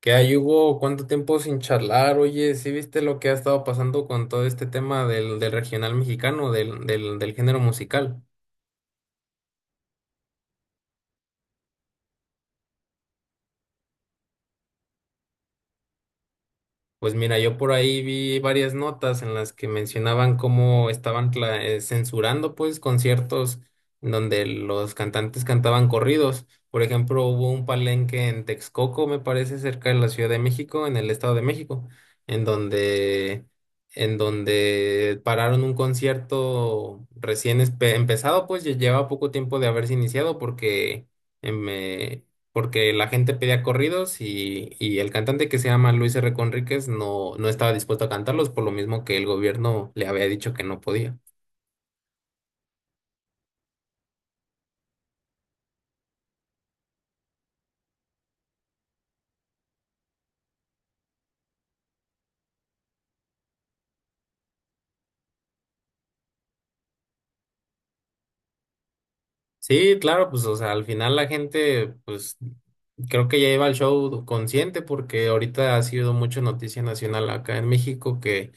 Que ahí Hugo cuánto tiempo sin charlar, oye, ¿sí viste lo que ha estado pasando con todo este tema del regional mexicano, del género musical? Pues mira, yo por ahí vi varias notas en las que mencionaban cómo estaban censurando pues conciertos en donde los cantantes cantaban corridos. Por ejemplo, hubo un palenque en Texcoco, me parece, cerca de la Ciudad de México, en el Estado de México, en donde en donde pararon un concierto recién empezado, pues ya lleva poco tiempo de haberse iniciado porque em, eh, porque la gente pedía corridos y el cantante que se llama Luis R. Conríquez no estaba dispuesto a cantarlos por lo mismo que el gobierno le había dicho que no podía. Sí, claro, pues, o sea, al final la gente, pues, creo que ya iba al show consciente porque ahorita ha sido mucho noticia nacional acá en México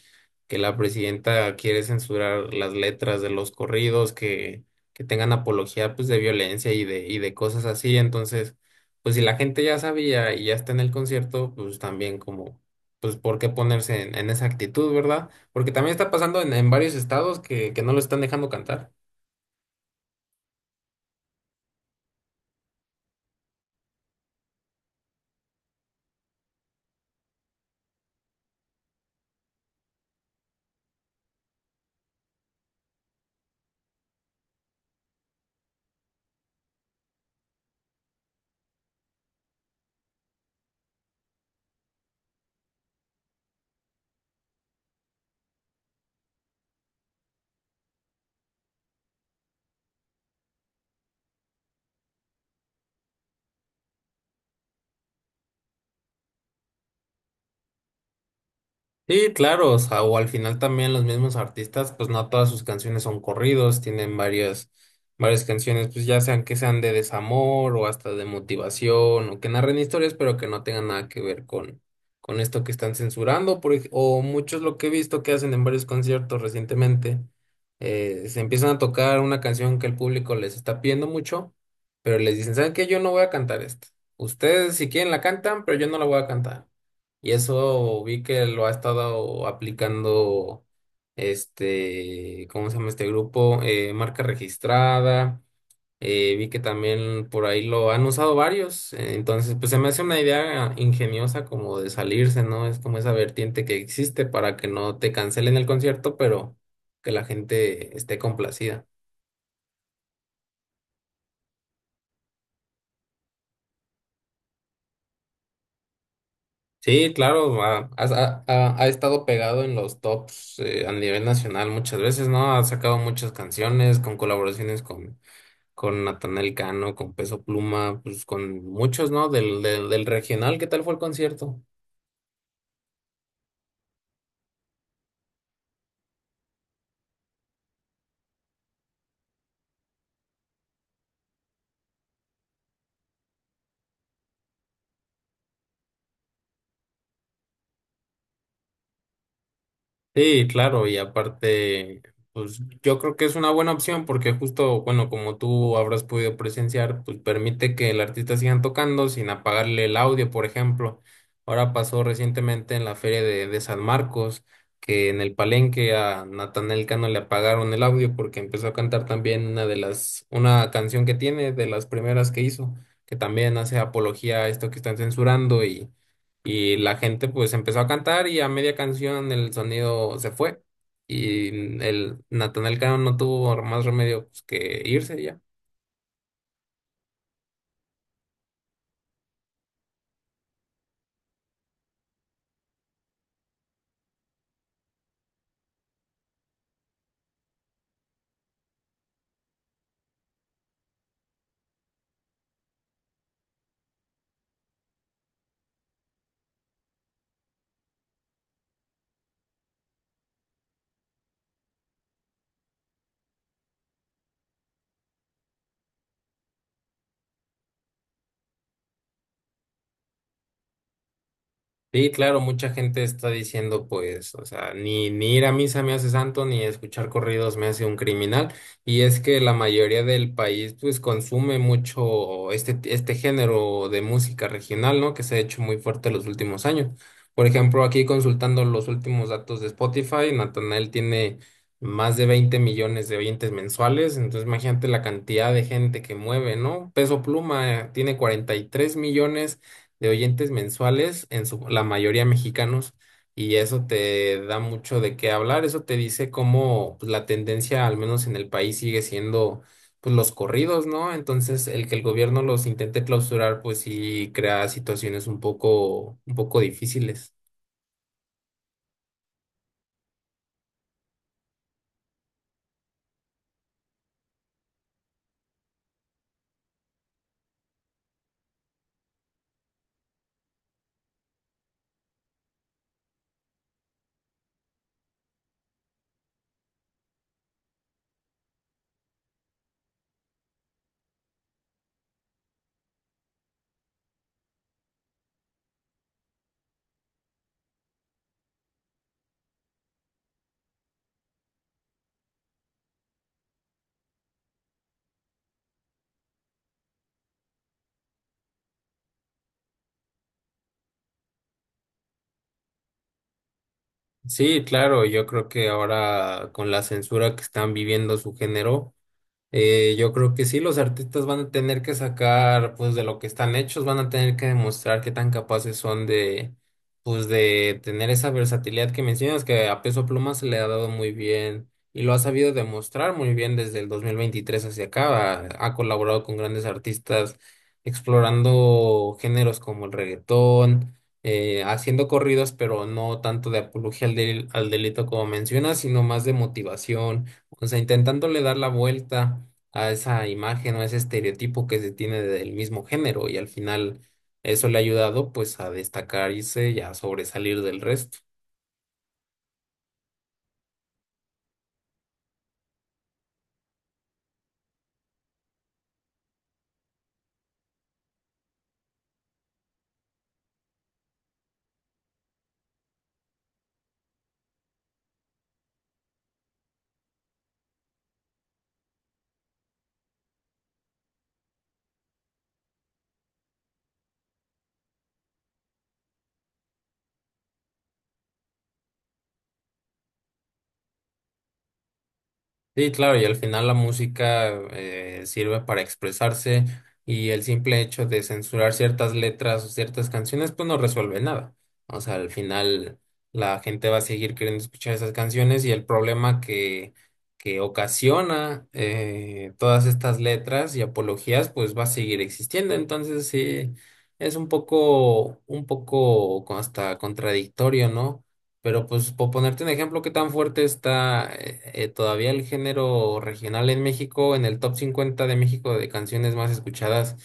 que la presidenta quiere censurar las letras de los corridos que tengan apología, pues, de violencia y de cosas así. Entonces, pues, si la gente ya sabía y ya está en el concierto, pues, también como, pues, ¿por qué ponerse en esa actitud, verdad? Porque también está pasando en varios estados que no lo están dejando cantar. Sí, claro, o sea, o al final también los mismos artistas, pues no todas sus canciones son corridos, tienen varias, varias canciones, pues ya sean que sean de desamor o hasta de motivación o que narren historias, pero que no tengan nada que ver con esto que están censurando, o muchos lo que he visto que hacen en varios conciertos recientemente, se empiezan a tocar una canción que el público les está pidiendo mucho, pero les dicen, ¿saben qué? Yo no voy a cantar esta. Ustedes si quieren la cantan, pero yo no la voy a cantar. Y eso vi que lo ha estado aplicando este, ¿cómo se llama este grupo? Marca registrada. Vi que también por ahí lo han usado varios. Entonces, pues se me hace una idea ingeniosa como de salirse, ¿no? Es como esa vertiente que existe para que no te cancelen el concierto, pero que la gente esté complacida. Sí, claro, ha estado pegado en los tops a nivel nacional muchas veces, ¿no? Ha sacado muchas canciones con colaboraciones con Natanael Cano, con Peso Pluma, pues con muchos, ¿no? Del regional, ¿qué tal fue el concierto? Sí, claro, y aparte, pues yo creo que es una buena opción porque justo, bueno, como tú habrás podido presenciar, pues permite que el artista siga tocando sin apagarle el audio, por ejemplo. Ahora pasó recientemente en la feria de San Marcos, que en el palenque a Natanael Cano le apagaron el audio porque empezó a cantar también una de las, una canción que tiene, de las primeras que hizo, que también hace apología a esto que están censurando y la gente pues empezó a cantar y a media canción el sonido se fue. Y el Natanael Cano no tuvo más remedio pues, que irse ya. Sí, claro, mucha gente está diciendo, pues, o sea, ni ir a misa me hace santo, ni escuchar corridos me hace un criminal. Y es que la mayoría del país, pues, consume mucho este, este género de música regional, ¿no? Que se ha hecho muy fuerte los últimos años. Por ejemplo, aquí consultando los últimos datos de Spotify, Natanael tiene más de 20 millones de oyentes mensuales. Entonces, imagínate la cantidad de gente que mueve, ¿no? Peso Pluma, tiene 43 millones de oyentes mensuales, en su, la mayoría mexicanos, y eso te da mucho de qué hablar, eso te dice cómo pues, la tendencia, al menos en el país, sigue siendo pues los corridos, ¿no? Entonces, el que el gobierno los intente clausurar, pues sí crea situaciones un poco difíciles. Sí, claro, yo creo que ahora con la censura que están viviendo su género, yo creo que sí, los artistas van a tener que sacar pues de lo que están hechos, van a tener que demostrar qué tan capaces son de pues de tener esa versatilidad que mencionas que a Peso Pluma se le ha dado muy bien y lo ha sabido demostrar muy bien desde el 2023 hacia acá. Ha colaborado con grandes artistas explorando géneros como el reggaetón, haciendo corridos, pero no tanto de apología al delito como mencionas, sino más de motivación, o sea, intentándole dar la vuelta a esa imagen o ese estereotipo que se tiene del mismo género y al final eso le ha ayudado pues a destacarse y a sobresalir del resto. Sí, claro, y al final la música sirve para expresarse y el simple hecho de censurar ciertas letras o ciertas canciones pues no resuelve nada. O sea, al final la gente va a seguir queriendo escuchar esas canciones y el problema que ocasiona todas estas letras y apologías pues va a seguir existiendo. Entonces sí, es un poco hasta contradictorio, ¿no? Pero pues por ponerte un ejemplo, ¿qué tan fuerte está todavía el género regional en México? En el top 50 de México de canciones más escuchadas,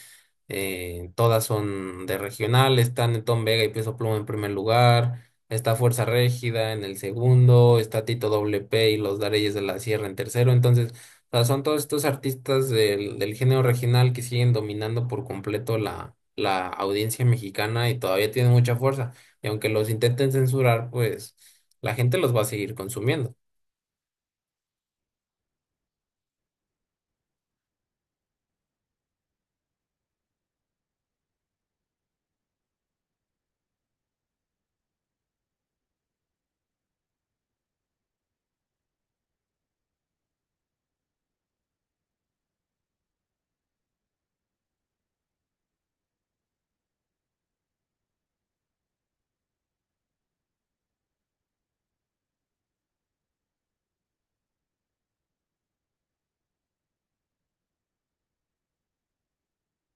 todas son de regional, están Tom Vega y Peso Pluma en primer lugar, está Fuerza Régida en el segundo, está Tito WP y Los Dareyes de la Sierra en tercero. Entonces, o sea, son todos estos artistas del género regional que siguen dominando por completo la, la audiencia mexicana y todavía tienen mucha fuerza. Y aunque los intenten censurar, pues la gente los va a seguir consumiendo.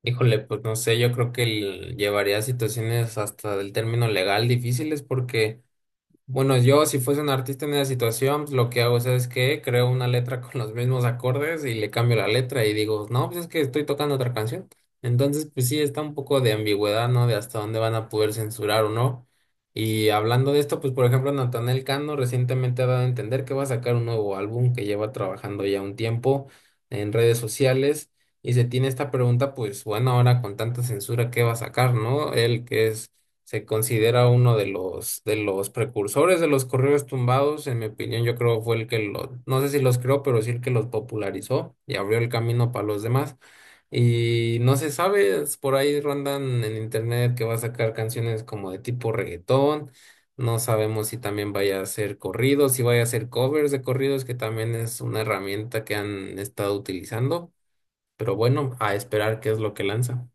Híjole, pues no sé, yo creo que llevaría a situaciones hasta del término legal difíciles porque bueno, yo si fuese un artista en esa situación, pues, lo que hago, ¿sabes qué? Creo una letra con los mismos acordes y le cambio la letra y digo, no, pues es que estoy tocando otra canción. Entonces, pues sí, está un poco de ambigüedad, ¿no? De hasta dónde van a poder censurar o no. Y hablando de esto, pues por ejemplo, Natanael Cano recientemente ha dado a entender que va a sacar un nuevo álbum que lleva trabajando ya un tiempo en redes sociales. Y se tiene esta pregunta, pues bueno, ahora con tanta censura, ¿qué va a sacar, no? Él que es se considera uno de los precursores de los correos tumbados, en mi opinión, yo creo fue el que lo, no sé si los creó, pero sí el que los popularizó y abrió el camino para los demás. Y no se sabe, por ahí rondan en internet que va a sacar canciones como de tipo reggaetón, no sabemos si también vaya a ser corridos, si vaya a ser covers de corridos, que también es una herramienta que han estado utilizando, pero bueno, a esperar qué es lo que lanza.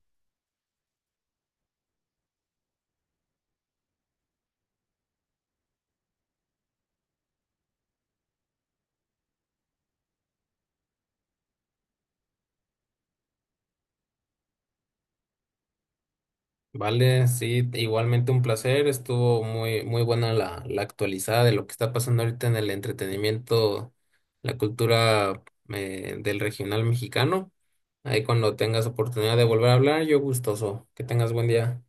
Vale, sí, igualmente un placer. Estuvo muy, muy buena la, la actualizada de lo que está pasando ahorita en el entretenimiento, la cultura del regional mexicano. Ahí cuando tengas oportunidad de volver a hablar, yo gustoso. Que tengas buen día.